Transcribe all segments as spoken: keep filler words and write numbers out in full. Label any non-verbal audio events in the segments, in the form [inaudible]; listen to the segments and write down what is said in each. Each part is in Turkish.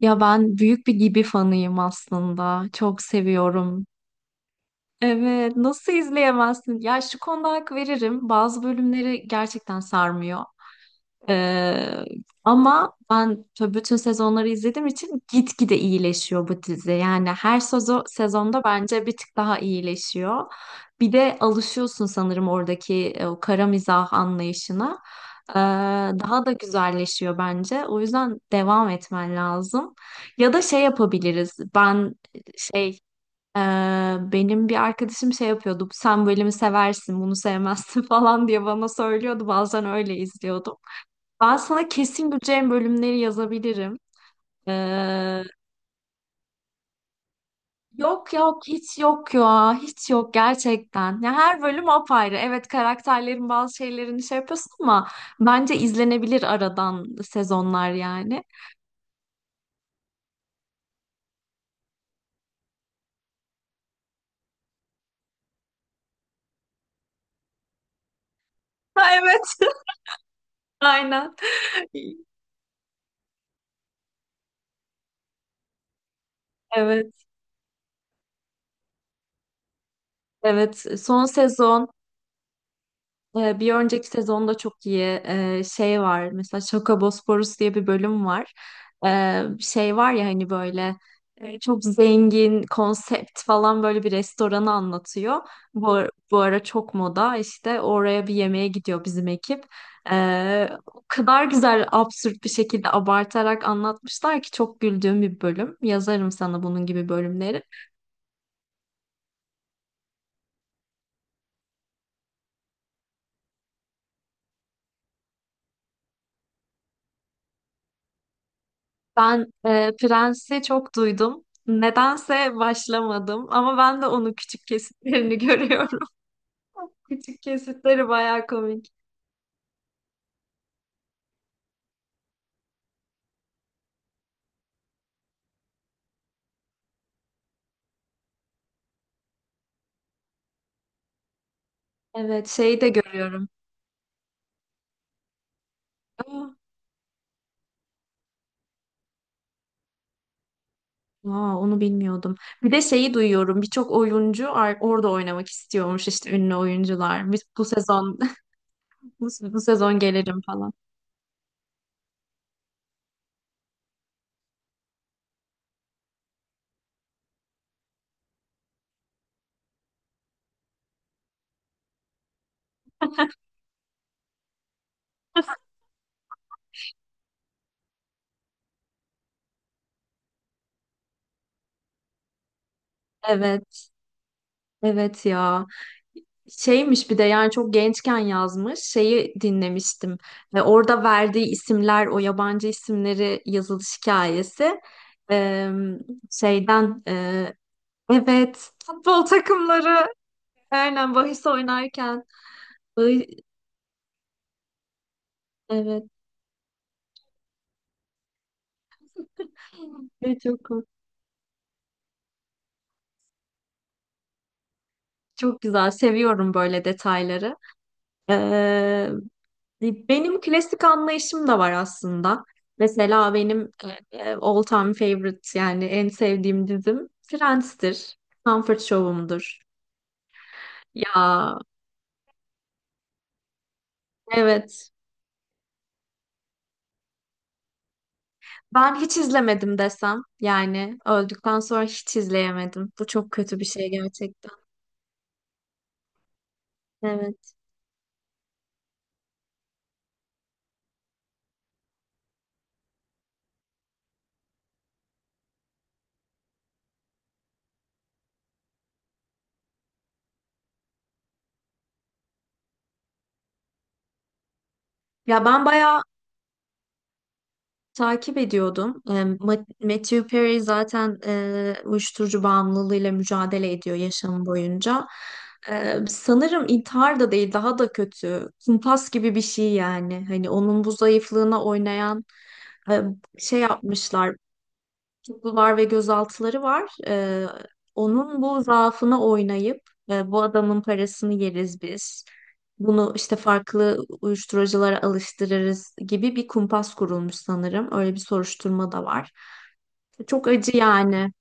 Ya ben büyük bir Gibi fanıyım aslında. Çok seviyorum. Evet, nasıl izleyemezsin? Ya şu konuda hak veririm. Bazı bölümleri gerçekten sarmıyor, ee, ama ben tabii bütün sezonları izlediğim için gitgide iyileşiyor bu dizi. Yani her sezo- sezonda bence bir tık daha iyileşiyor. Bir de alışıyorsun sanırım oradaki e, o kara mizah anlayışına. Ee, daha da güzelleşiyor bence. O yüzden devam etmen lazım. Ya da şey yapabiliriz. Ben şey e, benim bir arkadaşım şey yapıyordu. Sen bu bölümü seversin, bunu sevmezsin [laughs] falan diye bana söylüyordu. Bazen öyle izliyordum. Ben sana kesin güleceğin bölümleri yazabilirim. Ee, yok yok, hiç yok ya, hiç yok gerçekten. Ya her bölüm apayrı. Evet, karakterlerin bazı şeylerini şey yapıyorsun ama bence izlenebilir aradan sezonlar, yani. Ha, evet. [laughs] Aynen. Evet, evet, son sezon. Ee, Bir önceki sezonda çok iyi e, şey var, mesela Şakobosporus diye bir bölüm var. Ee, şey var ya, hani böyle e, çok zengin konsept falan, böyle bir restoranı anlatıyor. Bu, ar- bu ara çok moda, işte oraya bir yemeğe gidiyor bizim ekip. Ee, o kadar güzel, absürt bir şekilde abartarak anlatmışlar ki çok güldüğüm bir bölüm. Yazarım sana bunun gibi bölümleri. Ben e, Prens'i çok duydum. Nedense başlamadım ama ben de onun küçük kesitlerini [laughs] görüyorum. Küçük kesitleri bayağı komik. Evet, şeyi de görüyorum. [gasps] Aa, aa, onu bilmiyordum. Bir de şeyi duyuyorum. Birçok oyuncu ar- orada oynamak istiyormuş, işte ünlü oyuncular. Biz bu sezon [laughs] bu, bu sezon gelirim falan. Evet, evet ya. Şeymiş bir de, yani çok gençken yazmış şeyi dinlemiştim ve orada verdiği isimler, o yabancı isimleri yazılış hikayesi. Ee, şeyden e, evet, futbol takımları, aynen bahis oynarken. Bahi- evet. Ve çok çok güzel, seviyorum böyle detayları. Hani benim klasik anlayışım da var aslında. Mesela benim e, e, all time favorite, yani en sevdiğim dizim Friends'tir. Comfort Show'umdur. Ya, evet. Ben hiç izlemedim desem, yani öldükten sonra hiç izleyemedim. Bu çok kötü bir şey gerçekten. Evet. Ya ben bayağı takip ediyordum. E, Ma- Matthew Perry zaten e, uyuşturucu bağımlılığıyla mücadele ediyor yaşamı boyunca. E, sanırım intihar da değil, daha da kötü. Kumpas gibi bir şey, yani. Hani onun bu zayıflığına oynayan e, şey yapmışlar, tutuklular ve gözaltıları var. Ee, onun bu zaafını oynayıp, e, bu adamın parasını yeriz biz. Bunu işte farklı uyuşturuculara alıştırırız gibi bir kumpas kurulmuş sanırım. Öyle bir soruşturma da var. Çok acı, yani.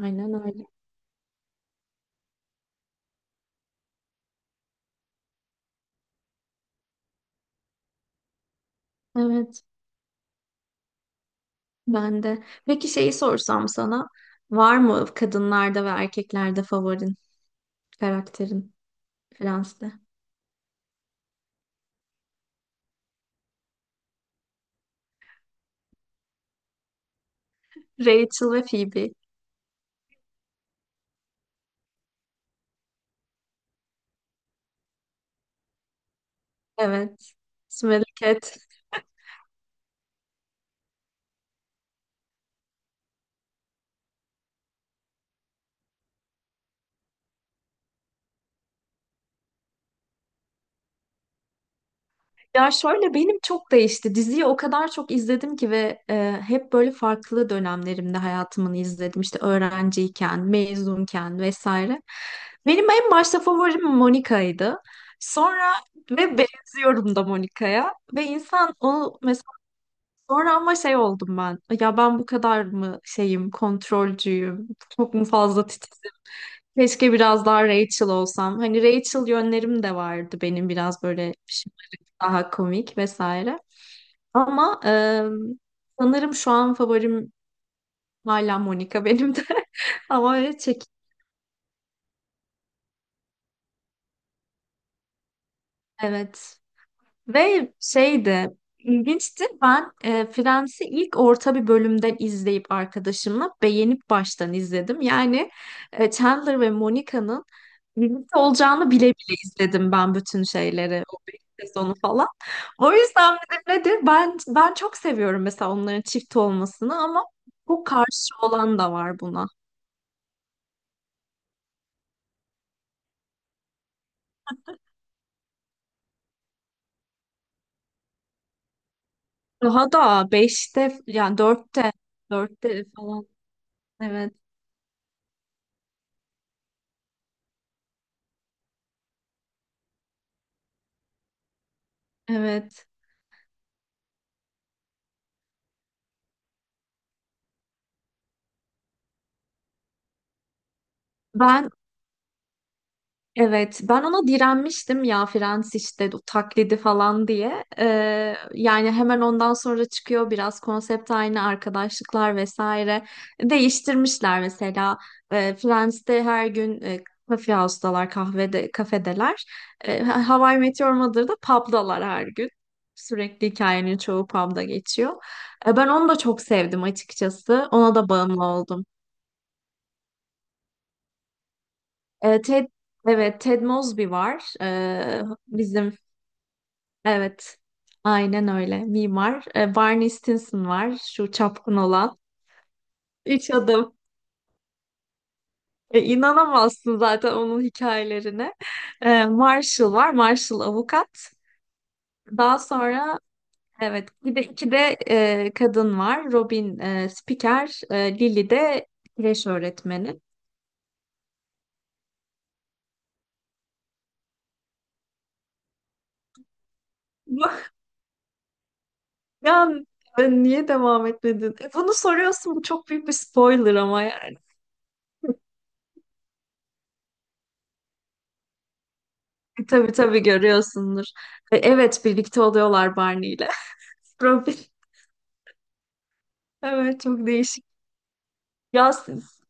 Aynen öyle. Evet, ben de. Peki şeyi sorsam sana, var mı kadınlarda ve erkeklerde favorin, karakterin? Friends'te? Rachel ve Phoebe. Evet. Smelly Cat. Ya şöyle, benim çok değişti. Diziyi o kadar çok izledim ki ve e, hep böyle farklı dönemlerimde hayatımını izledim. İşte öğrenciyken, mezunken vesaire. Benim en başta favorim Monica'ydı. Sonra ve benziyorum da Monica'ya. Ve insan onu mesela sonra ama şey oldum ben. Ya ben bu kadar mı şeyim, kontrolcüyüm, çok mu fazla titizim? Keşke biraz daha Rachel olsam. Hani Rachel yönlerim de vardı benim, biraz böyle daha komik vesaire. Ama e, sanırım şu an favorim hala Monica, benim de. [laughs] Ama öyle çek. Evet. Ve şeydi, ilginçti. Ben e, Friends'i ilk orta bir bölümden izleyip arkadaşımla beğenip baştan izledim. Yani e, Chandler ve Monica'nın birlikte olacağını bile bile izledim ben bütün şeyleri. O beş sezonu falan. O yüzden dedim, nedir? Ben, ben çok seviyorum mesela onların çift olmasını ama bu karşı olan da var buna. Daha da beşte, yani dörtte, dörtte falan. Evet. Evet. Ben Evet, ben ona direnmiştim ya, Frens işte o taklidi falan diye. Ee, yani hemen ondan sonra çıkıyor, biraz konsept aynı, arkadaşlıklar vesaire. Değiştirmişler mesela. Ee, Friends'te her gün e, kafe house'dalar, kahvede, kafedeler. Ee, How I Met Mother'da pub'dalar her gün. Sürekli hikayenin çoğu pub'da geçiyor. Ee, ben onu da çok sevdim açıkçası. Ona da bağımlı oldum. Ee, Ted, evet, Ted Mosby var. Ee, bizim Evet. Aynen öyle. Mimar. E, Barney Stinson var. Şu çapkın olan. Üç adım. E, inanamazsın zaten onun hikayelerine. E, Marshall var. Marshall avukat. Daha sonra, evet, bir de, iki de e, kadın var. Robin e, spiker. E, Lily de kreş öğretmeni. [laughs] Bu- Ya e, niye devam etmedin? E, bunu soruyorsun. Bu çok büyük bir spoiler ama, yani. E, tabii tabii görüyorsundur. E, evet birlikte oluyorlar Barney ile. Profil. [laughs] Evet, çok değişik. Ya, s-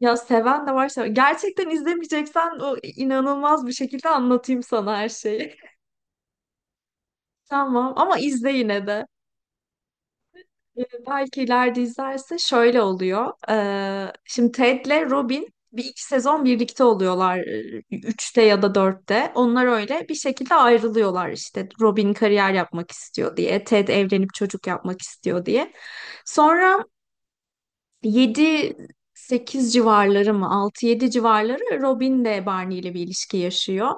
ya seven de var, seven. Gerçekten izlemeyeceksen o inanılmaz bir şekilde anlatayım sana her şeyi. [laughs] Tamam, ama izle yine de. Ee, Belki ileride izlerse şöyle oluyor. Ee, şimdi Ted'le Robin bir iki sezon birlikte oluyorlar. e, Üçte ya da dörtte. Onlar öyle bir şekilde ayrılıyorlar işte. Robin kariyer yapmak istiyor diye. Ted evlenip çocuk yapmak istiyor diye. Sonra Yedi, sekiz civarları mı, Altı, yedi civarları, Robin de Barney ile bir ilişki yaşıyor.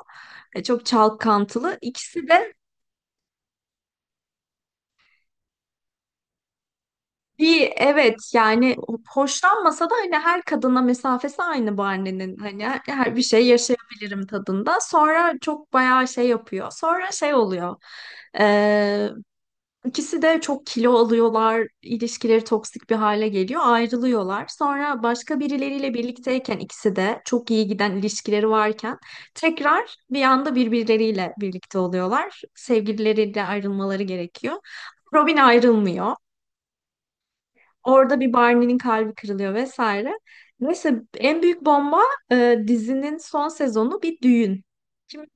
E, Çok çalkantılı. İkisi de bir, evet, yani hoşlanmasa da hani her kadına mesafesi aynı Barney'nin. Hani her her bir şey yaşayabilirim tadında. Sonra çok bayağı şey yapıyor. Sonra şey oluyor. İkisi de çok kilo alıyorlar, ilişkileri toksik bir hale geliyor, ayrılıyorlar. Sonra başka birileriyle birlikteyken, ikisi de çok iyi giden ilişkileri varken, tekrar bir anda birbirleriyle birlikte oluyorlar. Sevgilileriyle ayrılmaları gerekiyor. Robin ayrılmıyor. Orada bir Barney'nin kalbi kırılıyor vesaire. Neyse, en büyük bomba, e, dizinin son sezonu bir düğün. Şimdi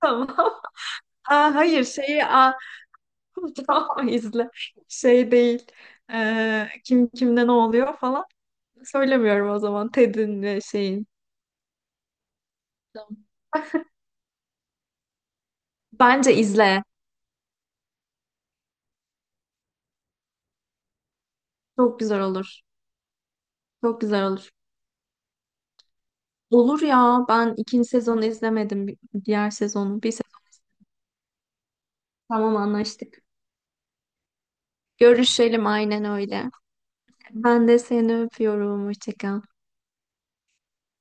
tamam. [laughs] Aa, hayır, şeyi [laughs] tamam, izle. Şey değil. Ee, kim kimde ne oluyor falan. Söylemiyorum o zaman. Ted'in ve şeyin. Tamam. Bence izle. Çok güzel olur. Çok güzel olur. Olur ya. Ben ikinci sezonu izlemedim. bir- Diğer sezonu. Bir sezon. Tamam, anlaştık. Görüşelim, aynen öyle. Ben de seni öpüyorum. Hoşça kal.